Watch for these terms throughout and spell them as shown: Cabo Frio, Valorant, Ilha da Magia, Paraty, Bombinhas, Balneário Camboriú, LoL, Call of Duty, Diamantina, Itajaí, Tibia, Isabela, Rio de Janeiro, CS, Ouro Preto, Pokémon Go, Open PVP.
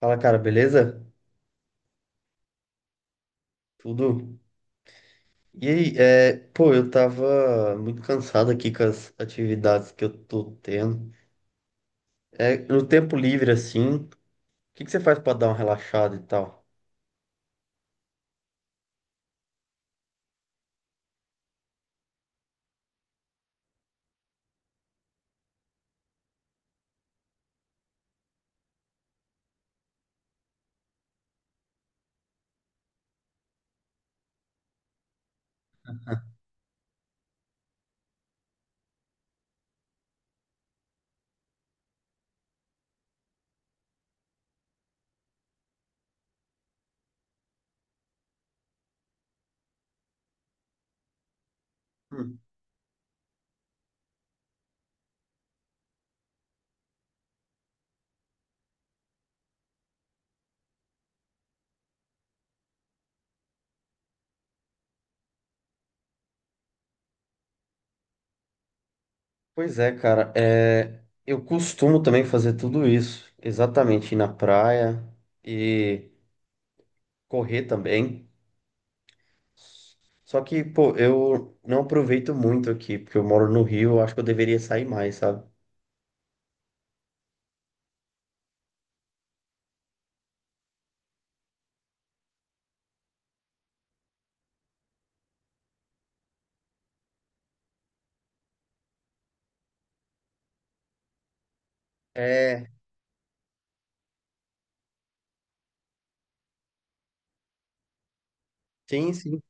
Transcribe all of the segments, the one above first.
Fala, cara, beleza? Tudo? E aí, eu tava muito cansado aqui com as atividades que eu tô tendo. É, no tempo livre, assim, o que que você faz pra dar uma relaxada e tal? Hum. Pois é, cara, é, eu costumo também fazer tudo isso. Exatamente, ir na praia e correr também. Só que, pô, eu não aproveito muito aqui, porque eu moro no Rio, eu acho que eu deveria sair mais, sabe? É, sim, sim.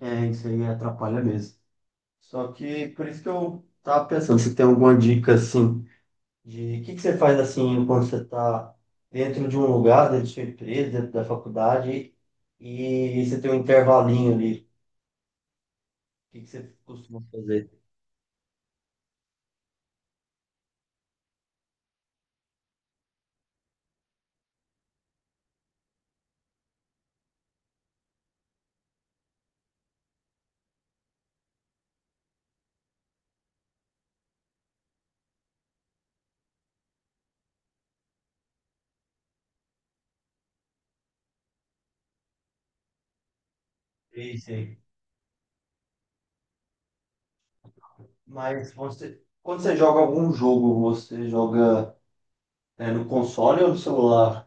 É, isso aí atrapalha mesmo. Só que por isso que eu tava pensando, se tem alguma dica assim de o que que você faz assim quando você está dentro de um lugar, dentro de sua empresa, dentro da faculdade e você tem um intervalinho ali. O que que você costuma fazer? Isso aí. Mas você, quando você joga algum jogo, você joga, né, no console ou no celular?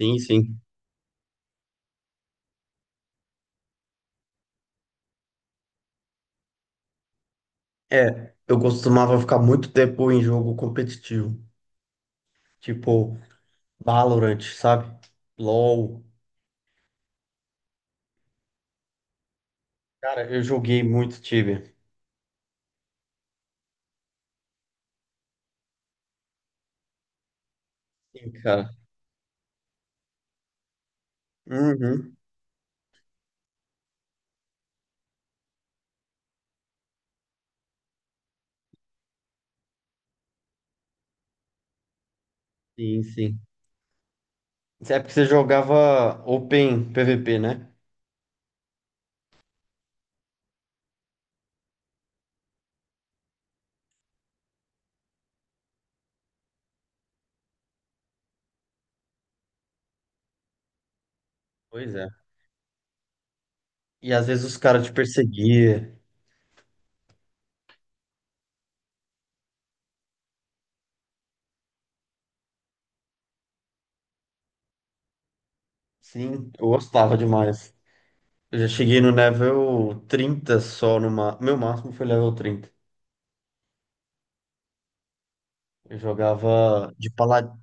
Sim, sim. É, eu costumava ficar muito tempo em jogo competitivo, tipo Valorant, sabe? LoL. Cara, eu joguei muito Tibia. Sim, cara. Uhum. Sim, sim. Isso é porque você jogava Open PVP, né? Pois é. E às vezes os caras te perseguiam. Sim, eu gostava demais. Eu já cheguei no level 30 só no ma... Meu máximo foi level 30. Eu jogava de paladino.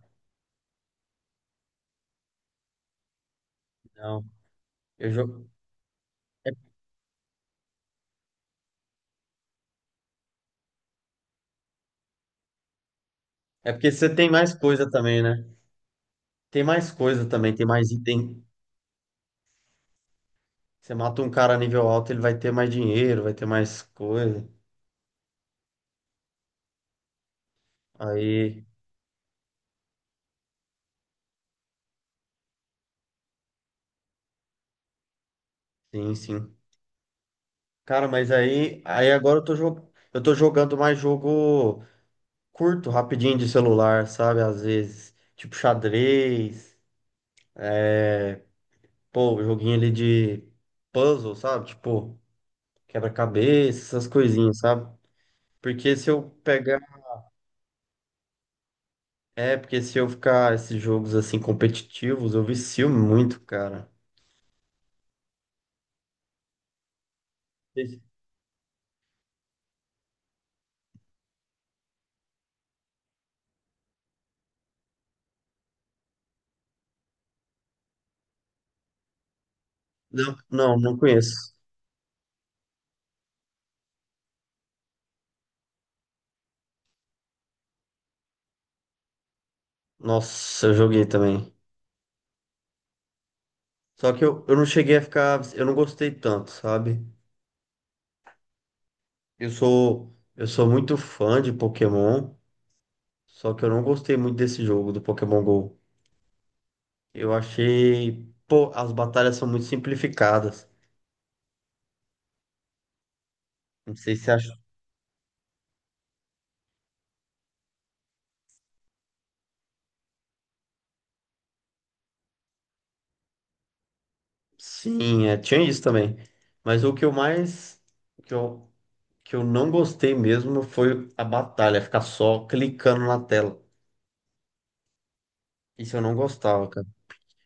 Eu jo... é, é porque você tem mais coisa também, né? Tem mais coisa também, tem mais item. Você mata um cara nível alto, ele vai ter mais dinheiro, vai ter mais coisa. Aí, sim, sim. Cara, mas aí, aí agora eu tô, eu tô jogando mais jogo curto, rapidinho de celular, sabe? Às vezes, tipo xadrez, pô, joguinho ali de puzzle, sabe? Tipo, quebra-cabeça, essas coisinhas, sabe? Porque se eu pegar. É, porque se eu ficar esses jogos assim competitivos, eu vicio muito, cara. Esse- Não, não, não conheço. Nossa, eu joguei também. Só que eu não cheguei a ficar. Eu não gostei tanto, sabe? Eu sou muito fã de Pokémon, só que eu não gostei muito desse jogo do Pokémon Go. Eu achei, pô, as batalhas são muito simplificadas. Não sei se acha. Sim, é, tinha isso também. Mas o que eu mais, o que eu não gostei mesmo foi a batalha, ficar só clicando na tela. Isso eu não gostava, cara.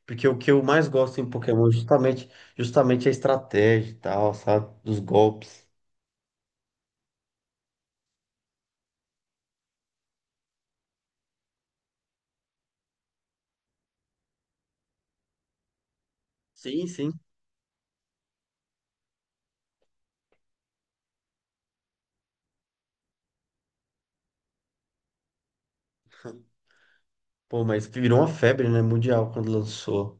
Porque o que eu mais gosto em Pokémon é justamente, justamente a estratégia e tal, sabe? Dos golpes. Sim, sim. Pô, mas que virou uma febre, né? Mundial quando lançou.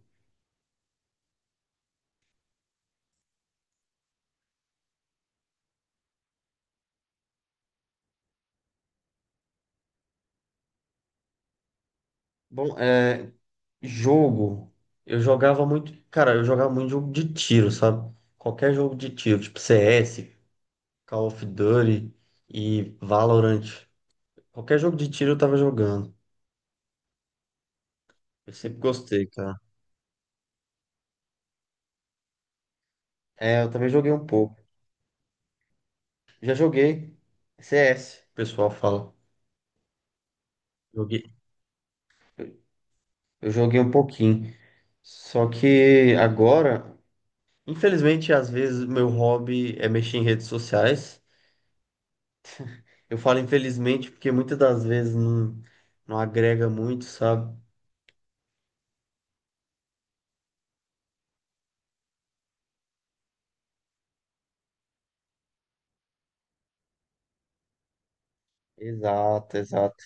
Bom, é. Jogo. Eu jogava muito. Cara, eu jogava muito jogo de tiro, sabe? Qualquer jogo de tiro, tipo CS, Call of Duty e Valorant. Qualquer jogo de tiro eu tava jogando. Eu sempre gostei, cara. É, eu também joguei um pouco. Já joguei CS, o pessoal fala. Joguei. Eu joguei um pouquinho. Só que agora, infelizmente, às vezes meu hobby é mexer em redes sociais. Eu falo infelizmente porque muitas das vezes não, não agrega muito, sabe? Exato, exato.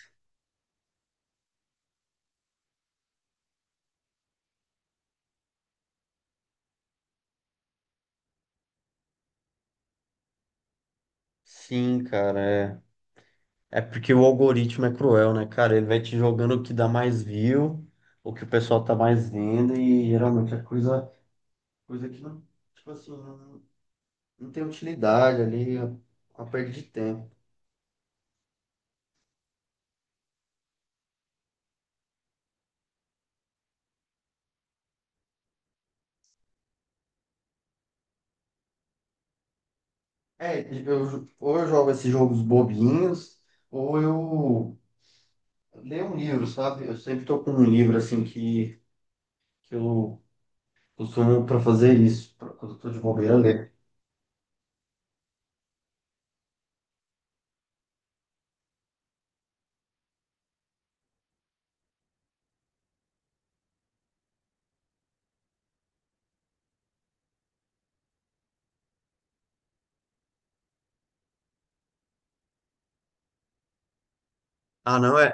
Sim, cara, é. É porque o algoritmo é cruel, né, cara? Ele vai te jogando o que dá mais view, o que o pessoal tá mais vendo, e geralmente é coisa, coisa que não, tipo assim, não, não tem utilidade ali, é uma perda de tempo. É, eu, ou eu jogo esses jogos bobinhos, ou eu leio um livro, sabe? Eu sempre tô com um livro assim que eu costumo para fazer isso, quando eu tô de bobeira, ler. Ah, não, é,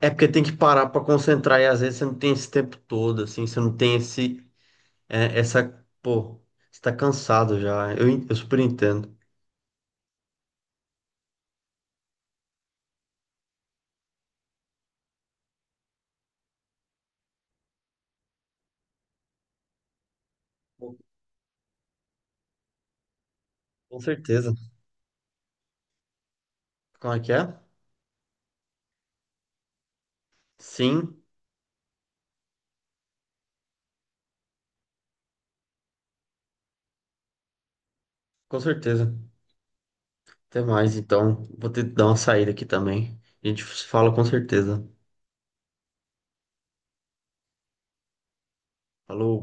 é porque tem que parar para concentrar e às vezes você não tem esse tempo todo, assim, você não tem esse, é, essa, pô, você tá cansado já, eu super entendo. Com certeza. Como é que é? Sim, com certeza. Até mais, então, vou ter que dar uma saída aqui também. A gente se fala com certeza. Falou.